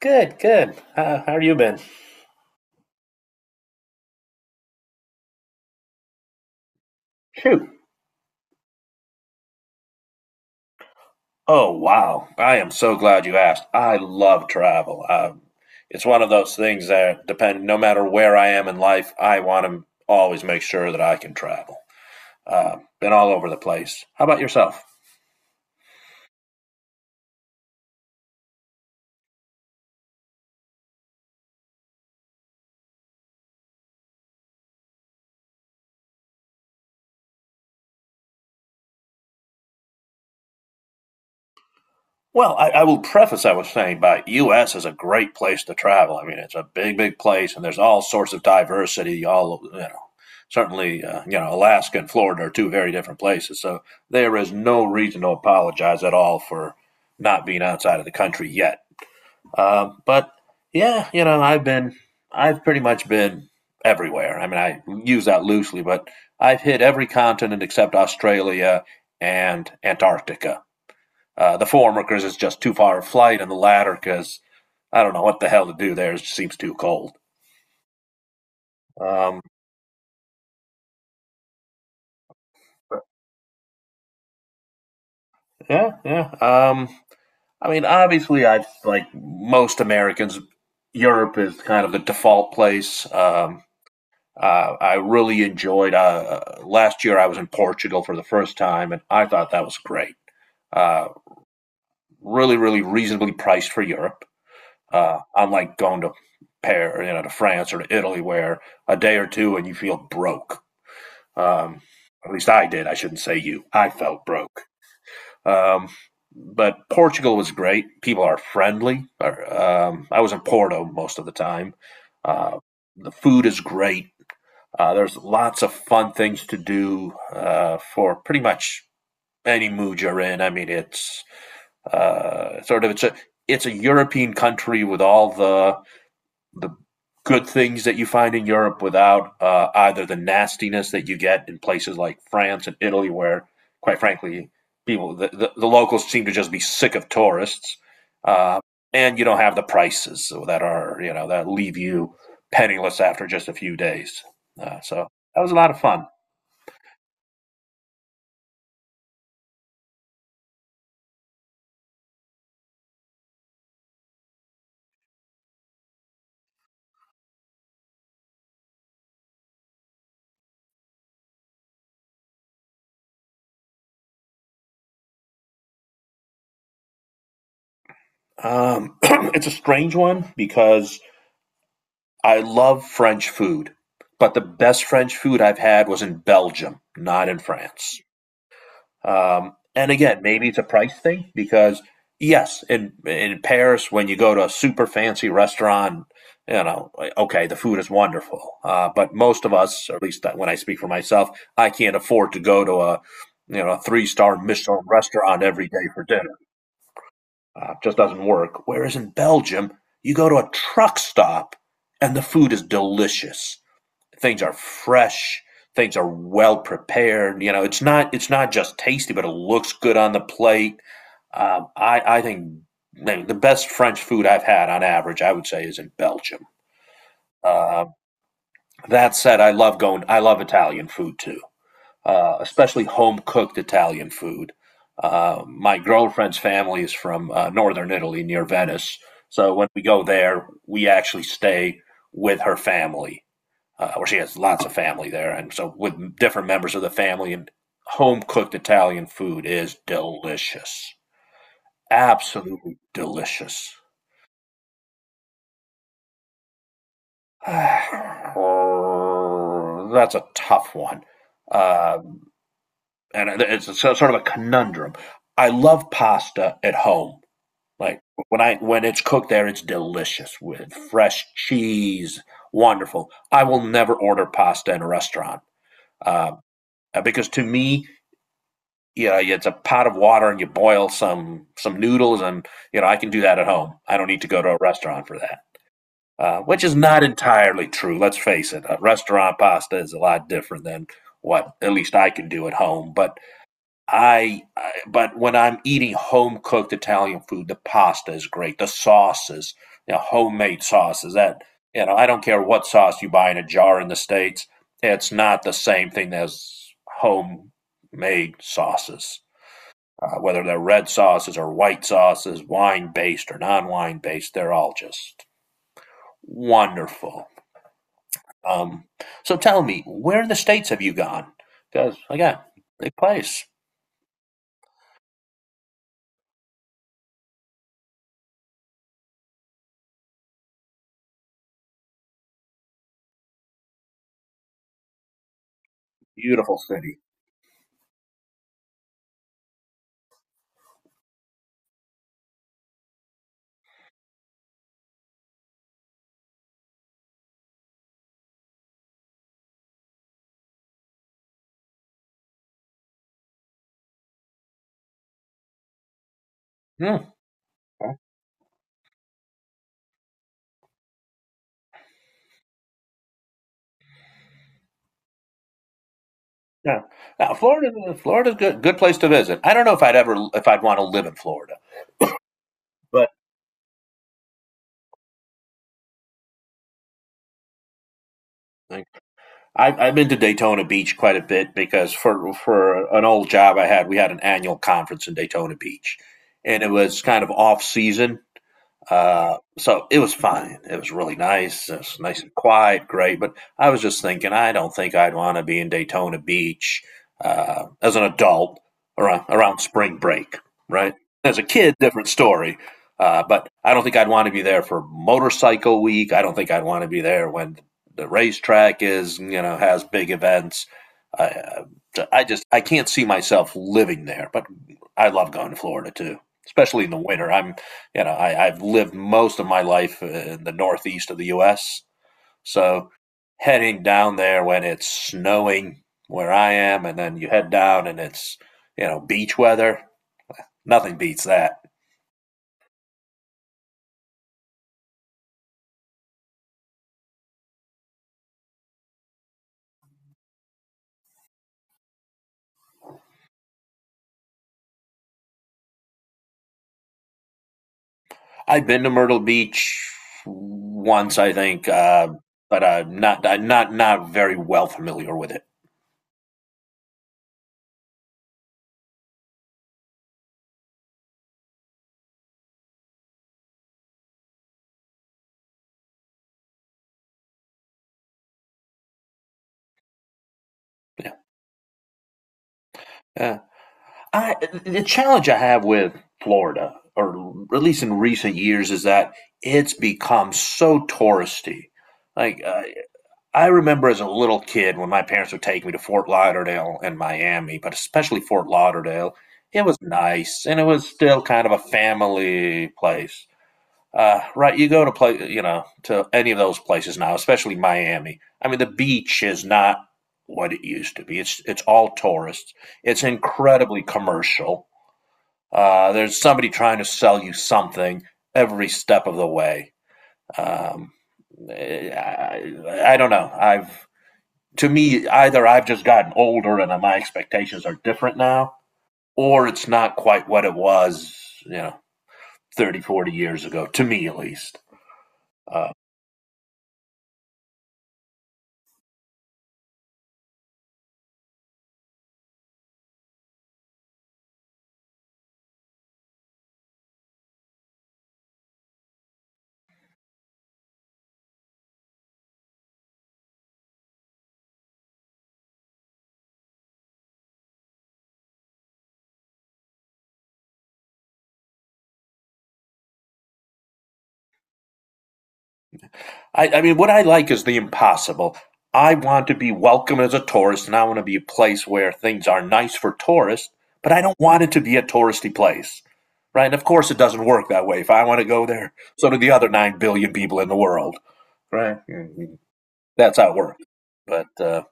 Good, good. How have you been? Shoot. Oh, wow. I am so glad you asked. I love travel. It's one of those things that depend, no matter where I am in life, I want to always make sure that I can travel. Been all over the place. How about yourself? Well, I will preface I was saying by U.S. is a great place to travel. I mean, it's a big place, and there's all sorts of diversity. All you know, certainly, you know, Alaska and Florida are two very different places. So there is no reason to apologize at all for not being outside of the country yet. But yeah, I've pretty much been everywhere. I mean, I use that loosely, but I've hit every continent except Australia and Antarctica. The former workers is just too far a flight, and the latter because I don't know what the hell to do there. It just seems too cold. Um, yeah, yeah. Um, I mean, obviously, I've like most Americans, Europe is kind of the default place. I really enjoyed. Last year, I was in Portugal for the first time, and I thought that was great. Uh, really, really reasonably priced for Europe. Unlike going to Paris, you know, to France or to Italy, where a day or two and you feel broke. Um, at least I did. I shouldn't say you. I felt broke. Um, but Portugal was great. People are friendly. I was in Porto most of the time. Uh, the food is great. There's lots of fun things to do for pretty much any mood you're in. I mean, it's sort of it's a European country with all the good things that you find in Europe without either the nastiness that you get in places like France and Italy, where, quite frankly, the locals seem to just be sick of tourists, uh, and you don't have the prices that are you know that leave you penniless after just a few days. So that was a lot of fun. It's a strange one because I love French food, but the best French food I've had was in Belgium, not in France. And again, maybe it's a price thing because yes, in Paris, when you go to a super fancy restaurant, you know, like, okay, the food is wonderful, but most of us, or at least when I speak for myself, I can't afford to go to a you know a three-star Michelin restaurant every day for dinner. Just doesn't work. Whereas in Belgium, you go to a truck stop and the food is delicious, things are fresh, things are well prepared, you know it's not just tasty but it looks good on the plate. I think the best French food I've had on average I would say is in Belgium. Uh, that said, I love Italian food too, especially home cooked Italian food. Uh, my girlfriend's family is from northern Italy near Venice, so when we go there we actually stay with her family, where she has lots of family there, and so with different members of the family and home cooked Italian food is delicious, absolutely delicious. That's a tough one, uh, and it's sort of a conundrum. I love pasta at home. Like when I when it's cooked there, it's delicious with fresh cheese, wonderful. I will never order pasta in a restaurant, uh, because to me, you know, it's a pot of water and you boil some noodles and you know I can do that at home. I don't need to go to a restaurant for that. Which is not entirely true. Let's face it, a restaurant pasta is a lot different than what at least I can do at home. But I but when I'm eating home cooked Italian food, the pasta is great. The sauces, you know, homemade sauces that you know, I don't care what sauce you buy in a jar in the states. It's not the same thing as homemade sauces, whether they're red sauces or white sauces, wine based or non wine based, they're all just wonderful. Um, so tell me, where in the states have you gone? Because again, big place, beautiful city. Hmm. Okay. Yeah. Now Florida's a good place to visit. I don't know if I'd ever if I'd want to live in Florida, but like, I've been to Daytona Beach quite a bit because for an old job I had, we had an annual conference in Daytona Beach, and it was kind of off season. So it was fine. It was really nice. It was nice and quiet, great. But I was just thinking, I don't think I'd want to be in Daytona Beach as an adult around spring break, right? As a kid, different story. But I don't think I'd want to be there for motorcycle week. I don't think I'd want to be there when the racetrack is, you know, has big events. I, I just I can't see myself living there. But I love going to Florida too, especially in the winter. I'm you know, I, I've lived most of my life in the northeast of the U.S. So heading down there when it's snowing where I am, and then you head down and it's you know beach weather, nothing beats that. I've been to Myrtle Beach once, I think, but I'm not very well familiar with it. Yeah. Uh, I The challenge I have with Florida, or at least in recent years, is that it's become so touristy. Like uh, I remember as a little kid when my parents would take me to Fort Lauderdale and Miami, but especially Fort Lauderdale. It was nice, and it was still kind of a family place. Right, you go to play, you know, to any of those places now, especially Miami. I mean, the beach is not what it used to be. It's all tourists. It's incredibly commercial. There's somebody trying to sell you something every step of the way. Um, I don't know. I've to me either I've just gotten older and my expectations are different now, or it's not quite what it was, you know, 30, 40 years ago. To me, at least. Uh, I mean, what I like is the impossible. I want to be welcome as a tourist, and I want to be a place where things are nice for tourists, but I don't want it to be a touristy place, right? And of course, it doesn't work that way. If I want to go there, so do the other 9 billion people in the world, right? Mhm. That's how it works. But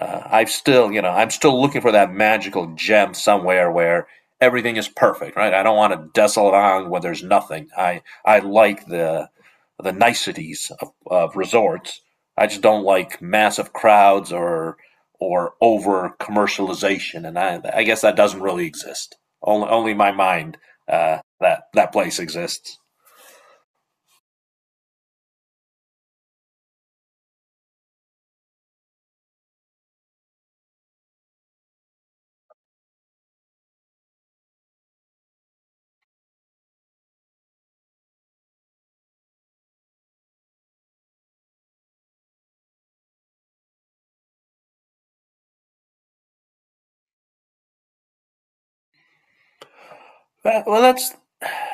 I've still, you know, I'm still looking for that magical gem somewhere where everything is perfect, right? I don't want a desolate island where there's nothing. I like the niceties of resorts. I just don't like massive crowds or over commercialization, and I guess that doesn't really exist. Only in my mind that place exists. Well,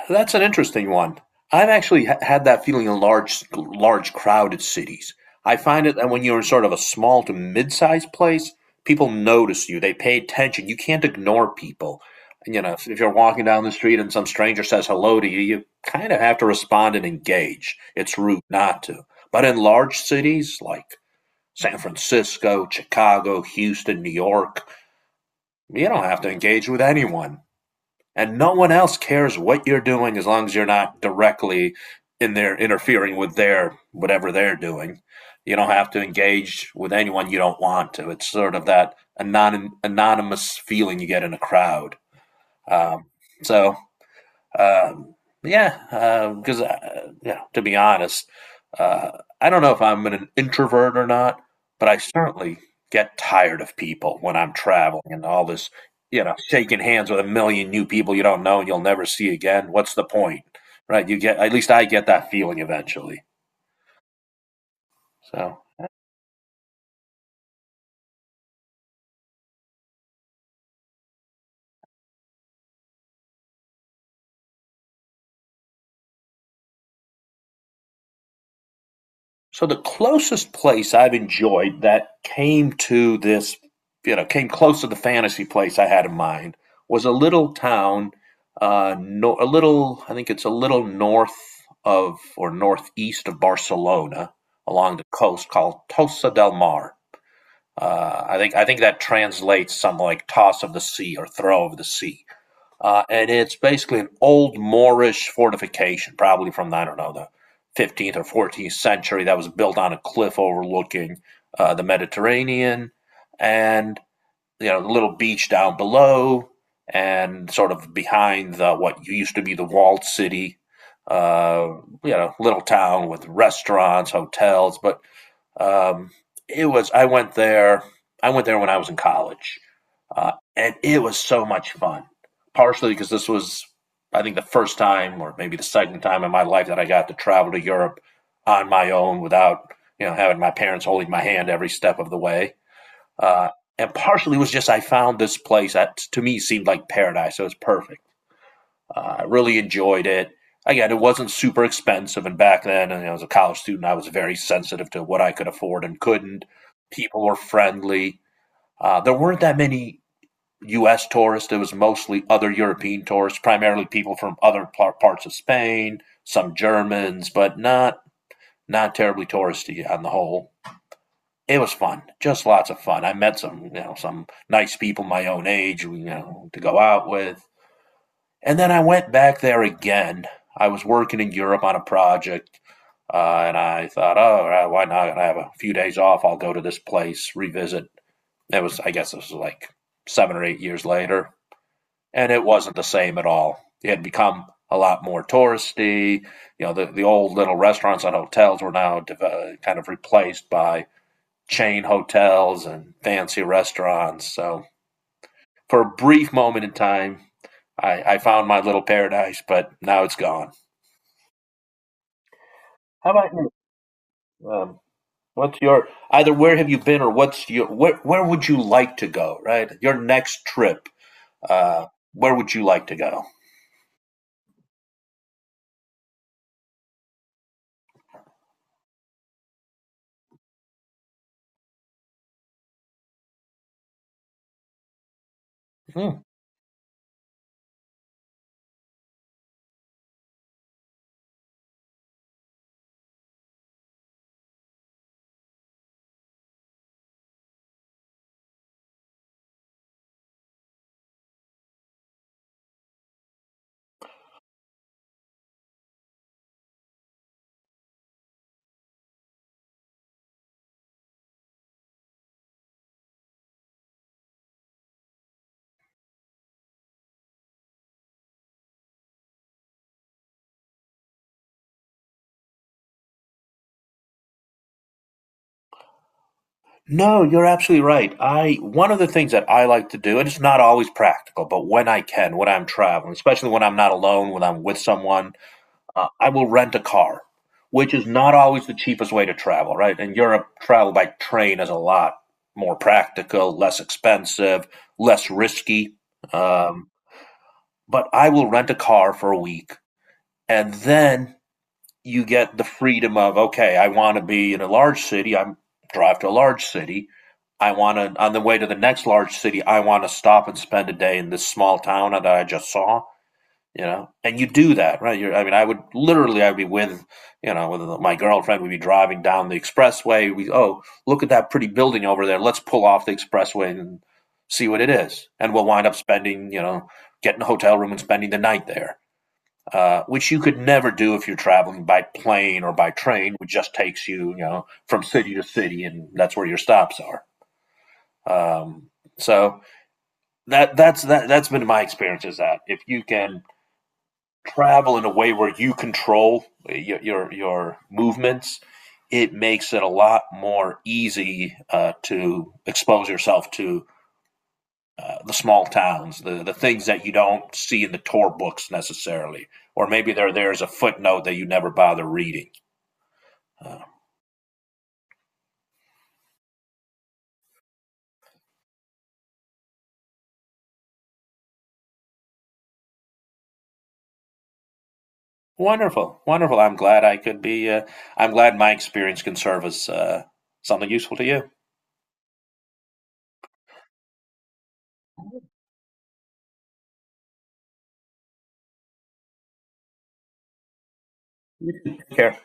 That's an interesting one. I've actually had that feeling in large crowded cities. I find it that when you're in sort of a small to mid-sized place, people notice you. They pay attention. You can't ignore people. You know, if you're walking down the street and some stranger says hello to you, you kind of have to respond and engage. It's rude not to. But in large cities like San Francisco, Chicago, Houston, New York, you don't have to engage with anyone. And no one else cares what you're doing as long as you're not directly in there interfering with their whatever they're doing. You don't have to engage with anyone you don't want to. It's sort of that anonymous feeling you get in a crowd. Um, so um, yeah, because yeah, to be honest, uh, I don't know if I'm an introvert or not, but I certainly get tired of people when I'm traveling and all this, you know, shaking hands with a million new people you don't know and you'll never see again. What's the point, right? You get at least I get that feeling eventually. So. So the closest place I've enjoyed that came to this, you know, came close to the fantasy place I had in mind was a little town, no, a little, I think it's a little north of or northeast of Barcelona along the coast called Tossa del Mar. I think that translates something like toss of the sea or throw of the sea. And it's basically an old Moorish fortification, probably from, I don't know, the 15th or 14th century, that was built on a cliff overlooking the Mediterranean. And, you know, the little beach down below and sort of behind what used to be the walled city. Uh, Little town with restaurants, hotels, but um, it was. I went there. I went there when I was in college, and it was so much fun. Partially because this was, I think, the first time or maybe the second time in my life that I got to travel to Europe on my own without having my parents holding my hand every step of the way. Uh, and partially was just I found this place that to me seemed like paradise. So it was perfect. I really enjoyed it. Again, it wasn't super expensive, and back then, you know, as a college student, I was very sensitive to what I could afford and couldn't. People were friendly. There weren't that many U.S. tourists. It was mostly other European tourists, primarily people from other parts of Spain, some Germans, but not terribly touristy on the whole. It was fun, just lots of fun. I met some some nice people my own age, you know, to go out with. And then I went back there again. I was working in Europe on a project, and I thought, oh, right, why not? I have a few days off. I'll go to this place, revisit. It was, I guess, this was like 7 or 8 years later, and it wasn't the same at all. It had become a lot more touristy. You know, the old little restaurants and hotels were now kind of replaced by chain hotels and fancy restaurants. So for a brief moment in time, I found my little paradise, but now it's gone. How about you? Um, what's your either where have you been or what's your where would you like to go? Right, your next trip. Uh, where would you like to go? Hmm. No, you're absolutely right. I One of the things that I like to do, and it's not always practical, but when I can, when I'm traveling, especially when I'm not alone, when I'm with someone, I will rent a car, which is not always the cheapest way to travel, right? In Europe, travel by train is a lot more practical, less expensive, less risky. Um, but I will rent a car for a week, and then you get the freedom of okay, I want to be in a large city. I'm drive to a large city. I want to on the way to the next large city. I want to stop and spend a day in this small town that I just saw. You know, and you do that, right? I mean, I would literally, I'd be with, you know, with my girlfriend. We'd be driving down the expressway. We, oh, look at that pretty building over there. Let's pull off the expressway and see what it is. And we'll wind up spending, you know, getting a hotel room and spending the night there, which you could never do if you're traveling by plane or by train, which just takes you, you know, from city to city, and that's where your stops are. Um, so that's been my experience is that if you can travel in a way where you control your your movements, it makes it a lot more easy to expose yourself to the small towns, the things that you don't see in the tour books necessarily, or maybe they're there as a footnote that you never bother reading. Uh, Wonderful, wonderful. I'm glad I could be. I'm glad my experience can serve as something useful to you. Take care.